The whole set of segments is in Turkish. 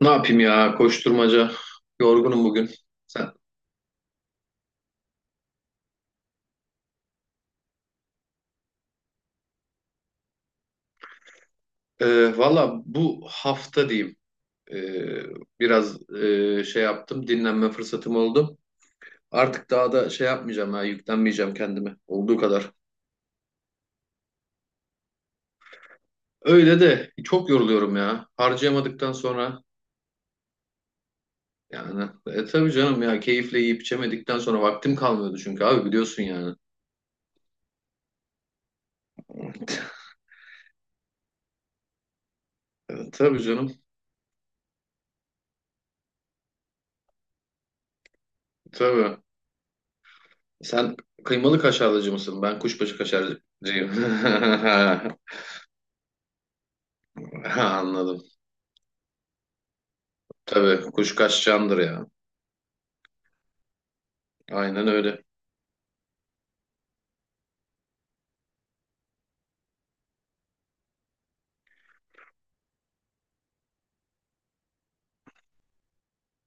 Ne yapayım ya, koşturmaca, yorgunum bugün. Sen, valla bu hafta diyeyim, e, biraz şey yaptım, dinlenme fırsatım oldu. Artık daha da şey yapmayacağım ya, yüklenmeyeceğim kendime olduğu kadar. Öyle de çok yoruluyorum ya, harcayamadıktan sonra yani, tabii canım ya, keyifle yiyip içemedikten sonra vaktim kalmıyordu çünkü abi biliyorsun yani. E, tabii canım, tabii. Sen kıymalı kaşarlıcı mısın? Ben kuşbaşı kaşarcıyım. Ha, anladım. Tabii kuş kaçacağındır ya. Aynen öyle.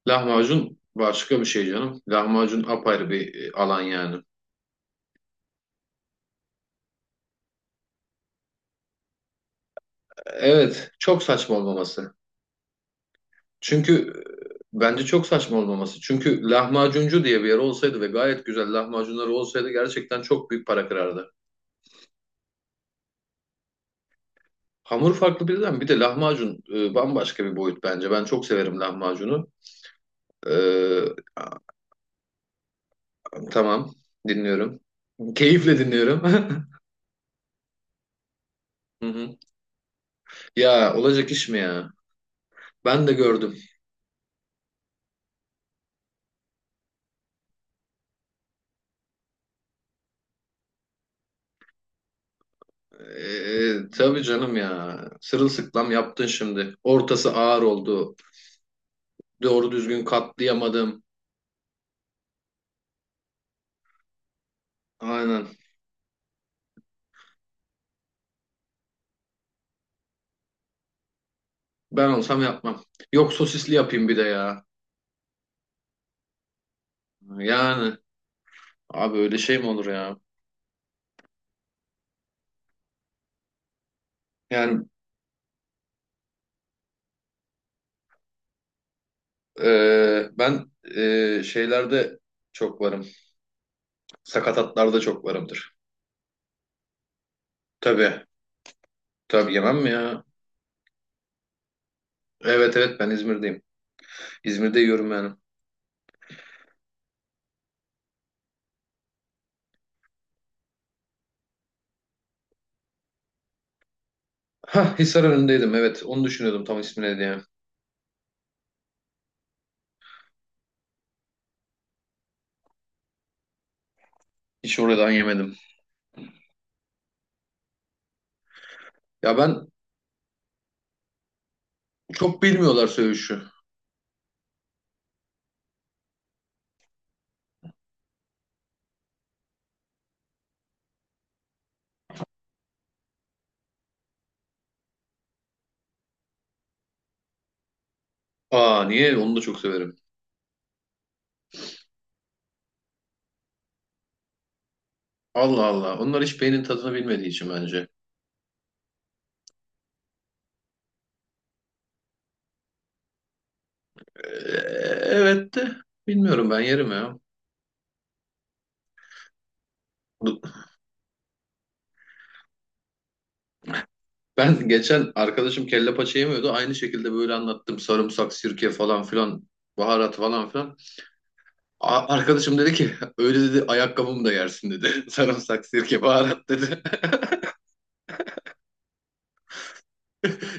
Lahmacun başka bir şey canım. Lahmacun apayrı bir alan yani. Evet, çok saçma olmaması. Çünkü bence çok saçma olmaması. Çünkü lahmacuncu diye bir yer olsaydı ve gayet güzel lahmacunları olsaydı, gerçekten çok büyük para kırardı. Hamur farklı birden, bir de lahmacun bambaşka bir boyut bence. Ben çok severim lahmacunu. Ee, tamam, dinliyorum. Keyifle dinliyorum. Hı hı. Ya olacak iş mi ya? Ben de gördüm. Tabii canım ya. Sırılsıklam yaptın şimdi. Ortası ağır oldu. Doğru düzgün katlayamadım. Aynen. Ben olsam yapmam. Yok, sosisli yapayım bir de ya. Yani abi öyle şey mi olur ya? Yani ben şeylerde çok varım. Sakatatlarda çok varımdır. Tabii. Tabii yemem mi ya? Evet evet, ben İzmir'deyim. İzmir'de yiyorum yani. Ha, Hisar önündeydim, evet. Onu düşünüyordum, tam ismi ne diye. Hiç oradan yemedim. Ya ben, çok bilmiyorlar söğüşü. Aa, niye? Onu da çok severim. Allah Allah. Onlar hiç beynin tadını bilmediği için bence. Ee, evet de bilmiyorum, ben yerim ya. Ben geçen arkadaşım kelle paça yemiyordu. Aynı şekilde böyle anlattım. Sarımsak, sirke falan filan. Baharat falan filan. Arkadaşım dedi ki öyle dedi, ayakkabımı da yersin dedi. Sarımsak, sirke, baharat dedi.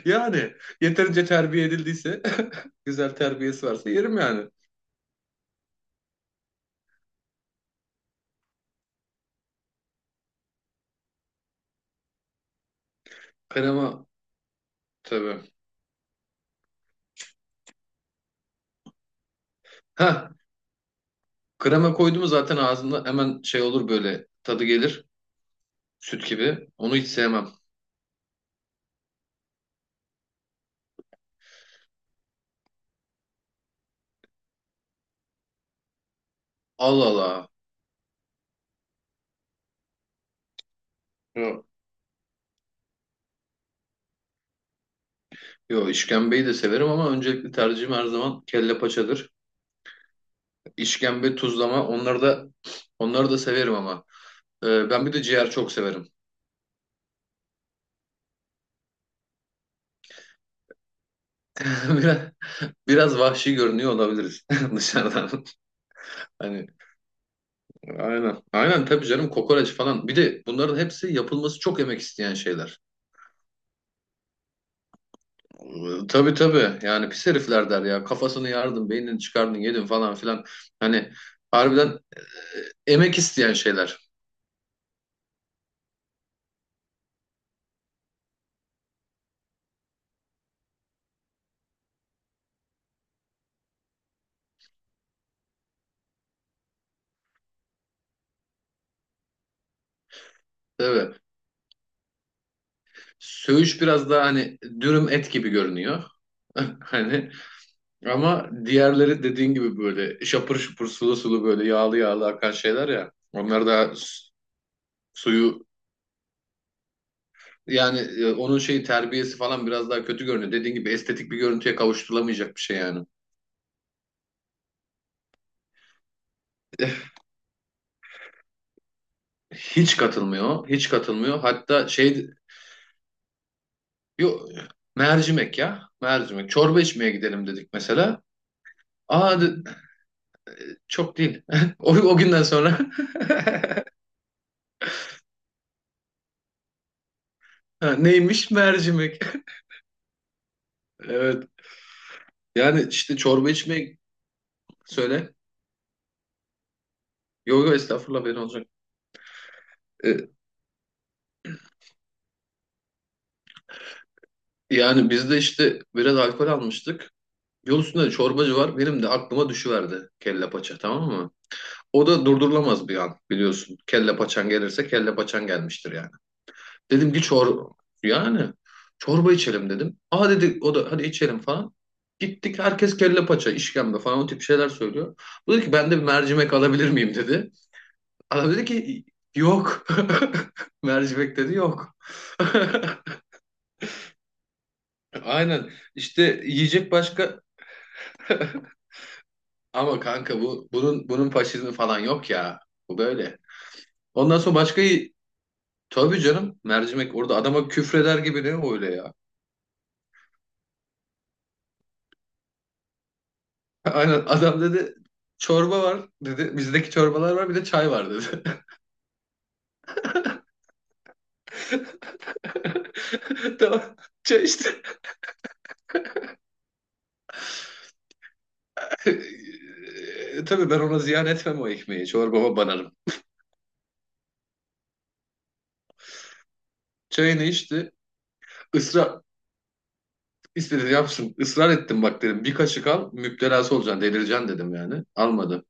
Yani yeterince terbiye edildiyse güzel terbiyesi varsa yerim yani. Krema tabii. Heh, krema koyduğumu zaten ağzında hemen şey olur, böyle tadı gelir süt gibi. Onu hiç sevmem. Allah Allah. Yo, yo, işkembeyi de severim ama öncelikli tercihim her zaman kelle paçadır. İşkembe, tuzlama, onları da severim ama. Ben bir de ciğer çok severim. Biraz, vahşi görünüyor olabiliriz dışarıdan. Hani aynen. Aynen tabii canım, kokoreç falan. Bir de bunların hepsi yapılması çok emek isteyen şeyler. Tabii tabii, yani pis herifler der ya, kafasını yardın, beynini çıkardın yedin falan filan, hani harbiden emek isteyen şeyler, tabii. Söğüş biraz daha hani dürüm et gibi görünüyor hani, ama diğerleri dediğin gibi böyle şapır şupur sulu sulu, böyle yağlı yağlı akan şeyler ya, onlar daha suyu yani, onun şeyi terbiyesi falan biraz daha kötü görünüyor dediğin gibi, estetik bir görüntüye kavuşturulamayacak bir şey yani. Hiç katılmıyor. Hiç katılmıyor. Hatta şey. Yo, mercimek ya. Mercimek. Çorba içmeye gidelim dedik mesela. Aa de- çok değil. O, günden sonra. Ha, neymiş? Mercimek. Evet. Yani işte çorba içmeye, söyle. Yo yo, estağfurullah, benim olacak. E, yani biz de işte biraz alkol almıştık. Yol üstünde de çorbacı var. Benim de aklıma düşüverdi kelle paça, tamam mı? O da durdurulamaz bir an, biliyorsun. Kelle paçan gelirse, kelle paçan gelmiştir yani. Dedim ki çor yani çorba içelim dedim. Aa dedi, o da hadi içelim falan. Gittik, herkes kelle paça, işkembe falan o tip şeyler söylüyor. Bu dedi ki, ben de bir mercimek alabilir miyim dedi. Adam dedi ki yok. Mercimek dedi, yok. Aynen. işte yiyecek başka, ama kanka bu, bunun faşizmi falan yok ya. Bu böyle. Ondan sonra başka, tabii canım, mercimek orada adama küfreder gibi, ne öyle ya. Aynen, adam dedi çorba var dedi. Bizdeki çorbalar var, bir de çay var dedi. Tamam, çay işte. E, tabii ben ona ziyan etmem o ekmeği. Çorbama banarım. Çayını içti. Israr istedi yapsın. Israr ettim, bak dedim, bir kaşık al, müptelası olacaksın, delireceksin dedim yani. Almadı.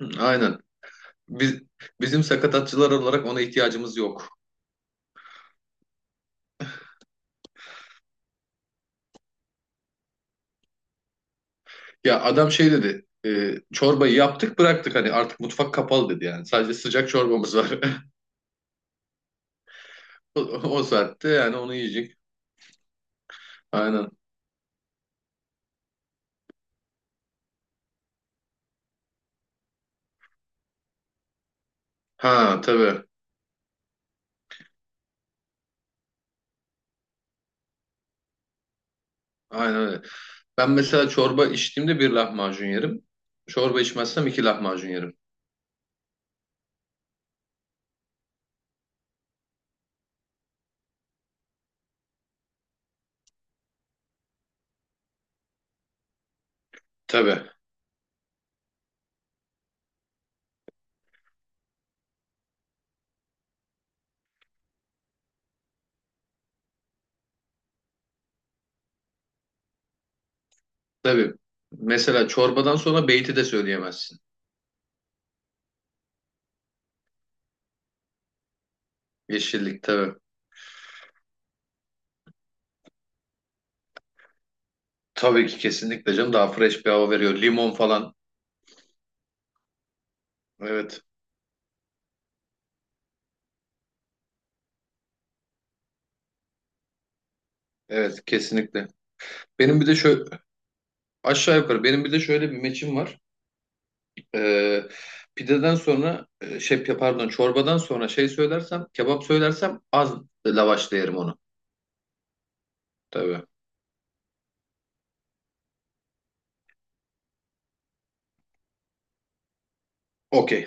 Hı, aynen. Biz, bizim sakatatçılar olarak ona ihtiyacımız yok. Ya adam şey dedi. Çorbayı yaptık, bıraktık, hani artık mutfak kapalı dedi yani. Sadece sıcak çorbamız var. O, saatte yani onu yiyecek. Aynen. Ha tabii. Aynen öyle. Ben mesela çorba içtiğimde bir lahmacun yerim. Çorba içmezsem iki lahmacun yerim. Tabii. Tabii. Mesela çorbadan sonra beyti de söyleyemezsin. Yeşillik tabii. Tabii ki kesinlikle canım, daha fresh bir hava veriyor. Limon falan. Evet. Evet, kesinlikle. Benim bir de şöyle aşağı yukarı benim bir de şöyle bir meçim var. Ee, pideden sonra e, şey pardon çorbadan sonra şey söylersem, kebap söylersem, az lavaşla yerim onu. Tabii. Okey.